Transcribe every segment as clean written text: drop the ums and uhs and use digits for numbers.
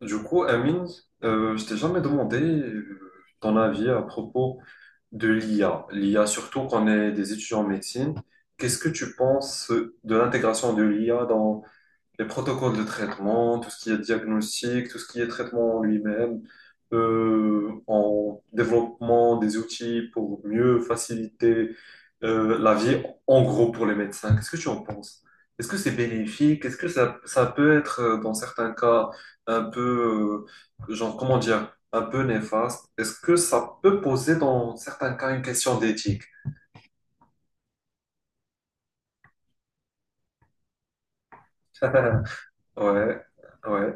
Du coup, Amine, je t'ai jamais demandé ton avis à propos de l'IA. L'IA, surtout qu'on est des étudiants en médecine. Qu'est-ce que tu penses de l'intégration de l'IA les protocoles de traitement, tout ce qui est diagnostic, tout ce qui est traitement en lui-même, en développement des outils pour mieux faciliter la vie, en gros pour les médecins. Qu'est-ce que tu en penses? Est-ce que c'est bénéfique? Est-ce que ça peut être, dans certains cas, un peu, genre, comment dire, un peu néfaste? Est-ce que ça peut poser, dans certains cas, une question d'éthique? Ouais, ouais,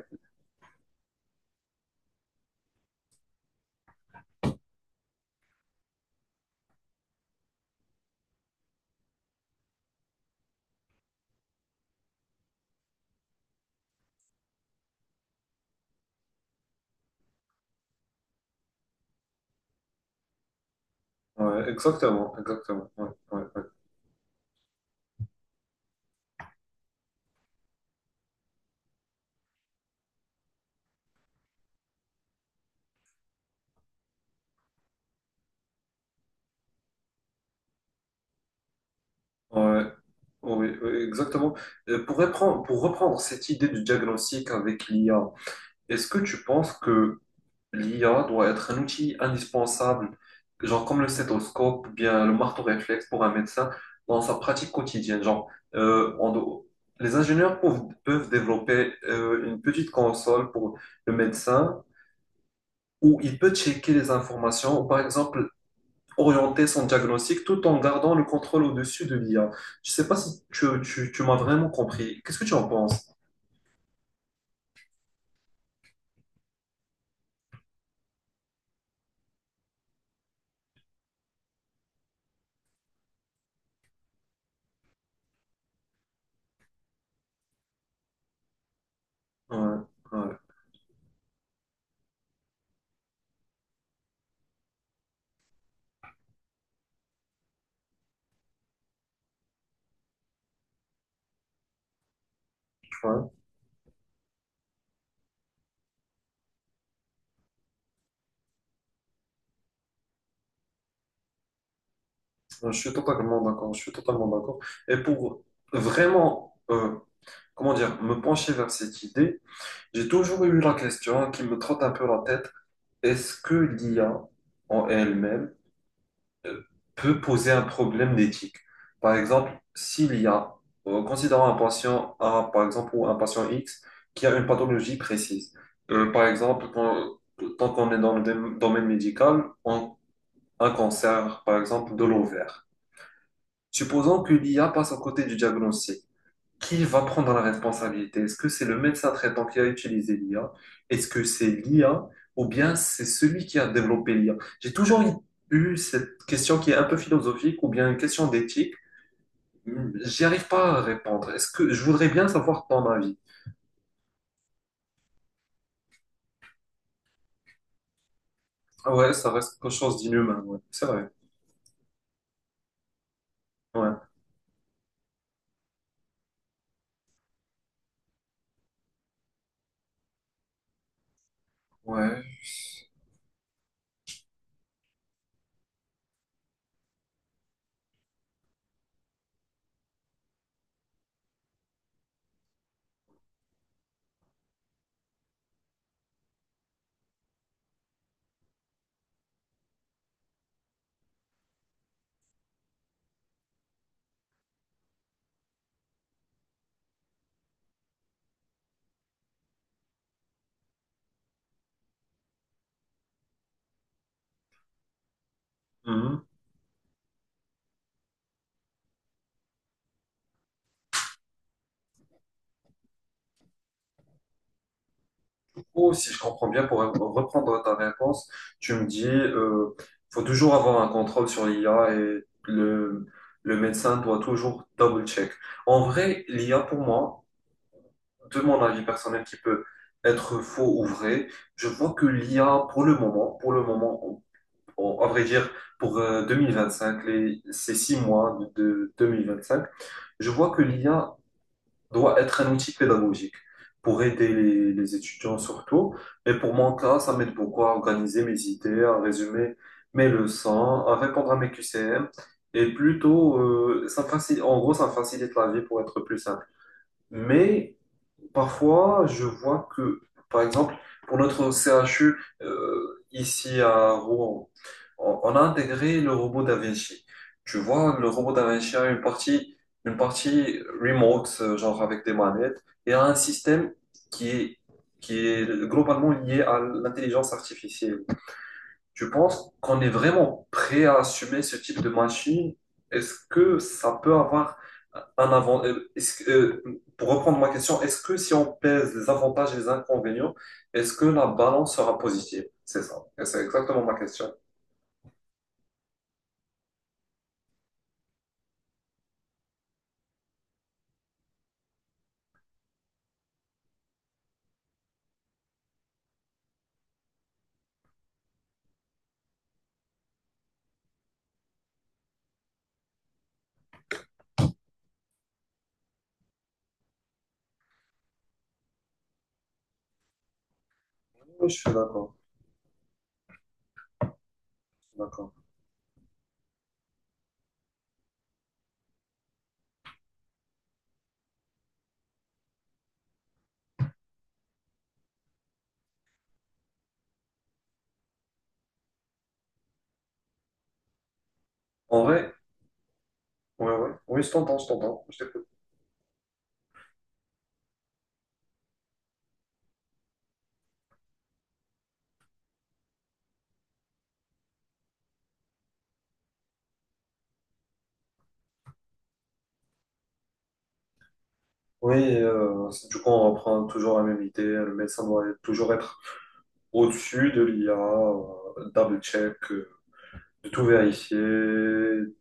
ouais, exactement, exactement, ouais, ouais. Ouais. Ouais, oui, oui, exactement. Pour reprendre cette idée du diagnostic avec l'IA, est-ce que tu penses que l'IA doit être un outil indispensable, genre comme le stéthoscope ou bien le marteau réflexe pour un médecin dans sa pratique quotidienne? Genre, on doit- les ingénieurs peuvent développer une petite console pour le médecin où il peut checker les informations. Par exemple, orienter son diagnostic tout en gardant le contrôle au-dessus de l'IA. Je sais pas si tu m'as vraiment compris. Qu'est-ce que tu en penses? Ouais, ouais, tu vois. Ouais, je suis totalement d'accord. Je suis totalement d'accord. Et pour vraiment, comment dire, me pencher vers cette idée, j'ai toujours eu la question qui me trotte un peu la tête. Est-ce que l'IA en elle-même euh, peut poser un problème d'éthique. Par exemple, s'il y a, considérons un patient A, par exemple, ou un patient X, qui a une pathologie précise. Par exemple, tant qu'on est dans le domaine médical, un cancer, par exemple, de l'ovaire. Supposons que l'IA passe à côté du diagnostic. Qui va prendre la responsabilité? Est-ce que c'est le médecin traitant qui a utilisé l'IA? Est-ce que c'est l'IA ou bien c'est celui qui a développé l'IA? J'ai toujours eu cette question qui est un peu philosophique ou bien une question d'éthique. J'y arrive pas à répondre. Est-ce que je voudrais bien savoir ton avis? Ah ouais, ça reste quelque chose d'inhumain. Ouais. C'est vrai. Ouais. Ouais. Coup, si je comprends bien, pour reprendre ta réponse, tu me dis, faut toujours avoir un contrôle sur l'IA et le médecin doit toujours double-check. En vrai, l'IA pour moi, de mon avis personnel qui peut être faux ou vrai, je vois que l'IA pour le moment, à vrai dire, pour 2025, les, ces six mois de 2025, je vois que l'IA doit être un outil pédagogique pour aider les étudiants surtout. Et pour mon cas, ça m'aide beaucoup à organiser mes idées, à résumer mes leçons, à répondre à mes QCM. Et plutôt, ça facilite, en gros, ça facilite la vie pour être plus simple. Mais parfois, je vois que, par exemple, pour notre CHU, ici à Rouen, on a intégré le robot Da. Tu vois, le robot Da a une partie remote, genre avec des manettes, et a un système qui est, qui est globalement lié à l'intelligence artificielle. Tu penses qu'on est vraiment prêt à assumer ce type de machine? Est-ce que ça peut avoir un avantage? Pour reprendre ma question, est-ce que si on pèse les avantages et les inconvénients, est-ce que la balance sera positive? C'est ça. Et c'est exactement ma question. Oui, je suis d'accord. D'accord. En vrai, ouais, ouais. Oui, je t'entends, je t'entends. Je t'écoute. Oui, du coup, on reprend toujours la même idée. Le médecin toujours être au-dessus de l'IA, double-check, de tout vérifier,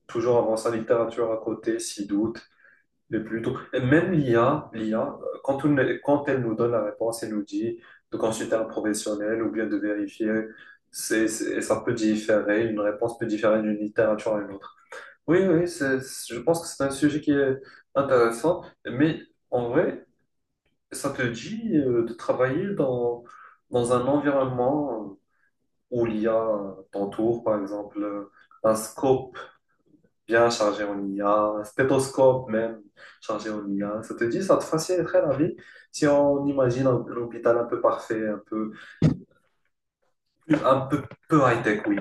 toujours avoir sa littérature à côté, s'il doute. Mais plutôt, et même l'IA, l'IA, quand, quand elle nous donne la réponse, elle nous dit de consulter un professionnel ou bien de vérifier. Ça peut différer, une réponse peut différer d'une littérature à une. Oui, oui, je pense que c'est un sujet qui est intéressant, mais en vrai, ça te dit de travailler dans un environnement où l'I a t'entoure, par exemple, un scope bien chargé en IA, un stéthoscope même chargé en IA. Ça te dit, ça te faciliterait la vie si on imagine un hôpital un peu parfait, un peu, peu high-tech, oui.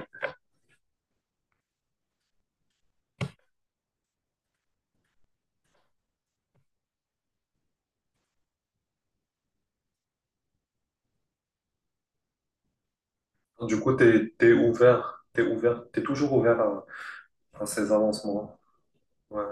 Du coup, t'es ouvert, t'es ouvert, t'es toujours ouvert à, ces avancements. Ouais,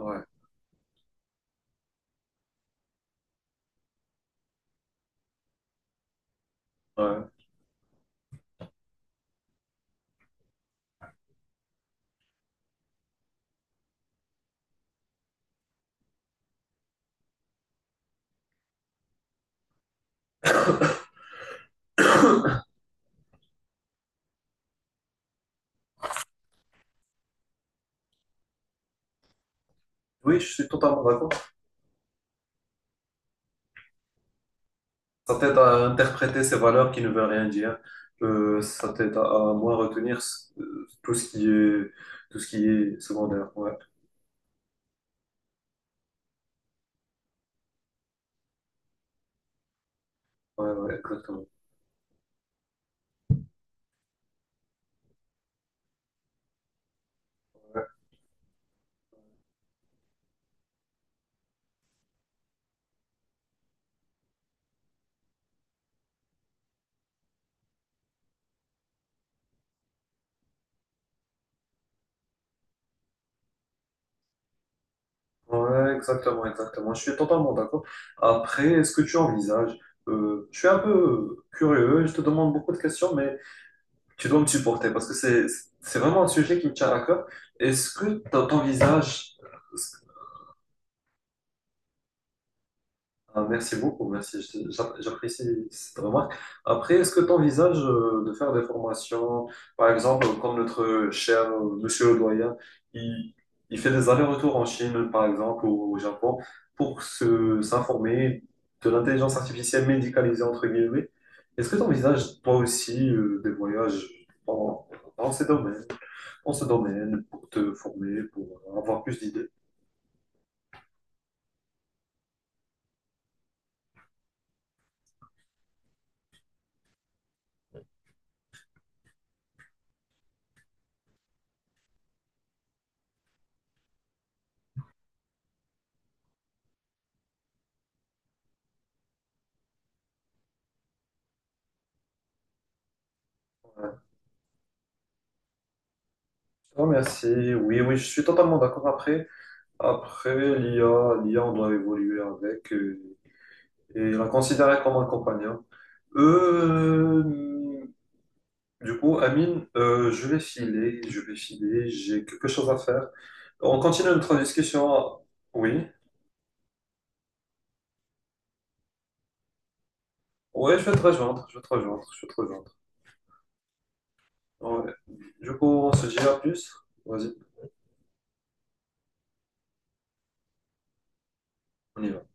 ouais. Ouais. Ouais. Oui, je suis totalement d'accord. Ça t'aide à interpréter ces valeurs qui ne veulent rien dire. Ça t'aide à moins retenir tout ce qui est secondaire. Ouais, ouais, ouais, exactement. Ouais, exactement, exactement. Je suis totalement d'accord. Après, est-ce que tu envisages, je suis un peu curieux, je te demande beaucoup de questions, mais tu dois me supporter parce que c'est vraiment un sujet qui me tient à cœur. Est-ce que t'envisages euh, Ah, merci beaucoup, merci. J'apprécie cette remarque. Après, est-ce que tu envisages de faire des formations, par exemple, comme notre cher monsieur le doyen, il, il fait des allers-retours en Chine, par exemple, ou au Japon, pour se s'informer de l'intelligence artificielle médicalisée, entre guillemets. Est-ce que tu envisages toi aussi des voyages dans, dans ces domaines, dans ce domaine, pour te former, pour avoir plus d'idées? Ouais. Je te remercie. Oui, oui, je suis totalement d'accord après. Après, l'IA, l'IA, on doit évoluer avec et la considérer comme un compagnon. Euh, du coup, Amine, je vais filer, j'ai quelque chose à faire. On continue notre discussion. Oui, ouais, je vais te rejoindre. Ouais. Du coup, on se dit à plus. Vas-y, on y va.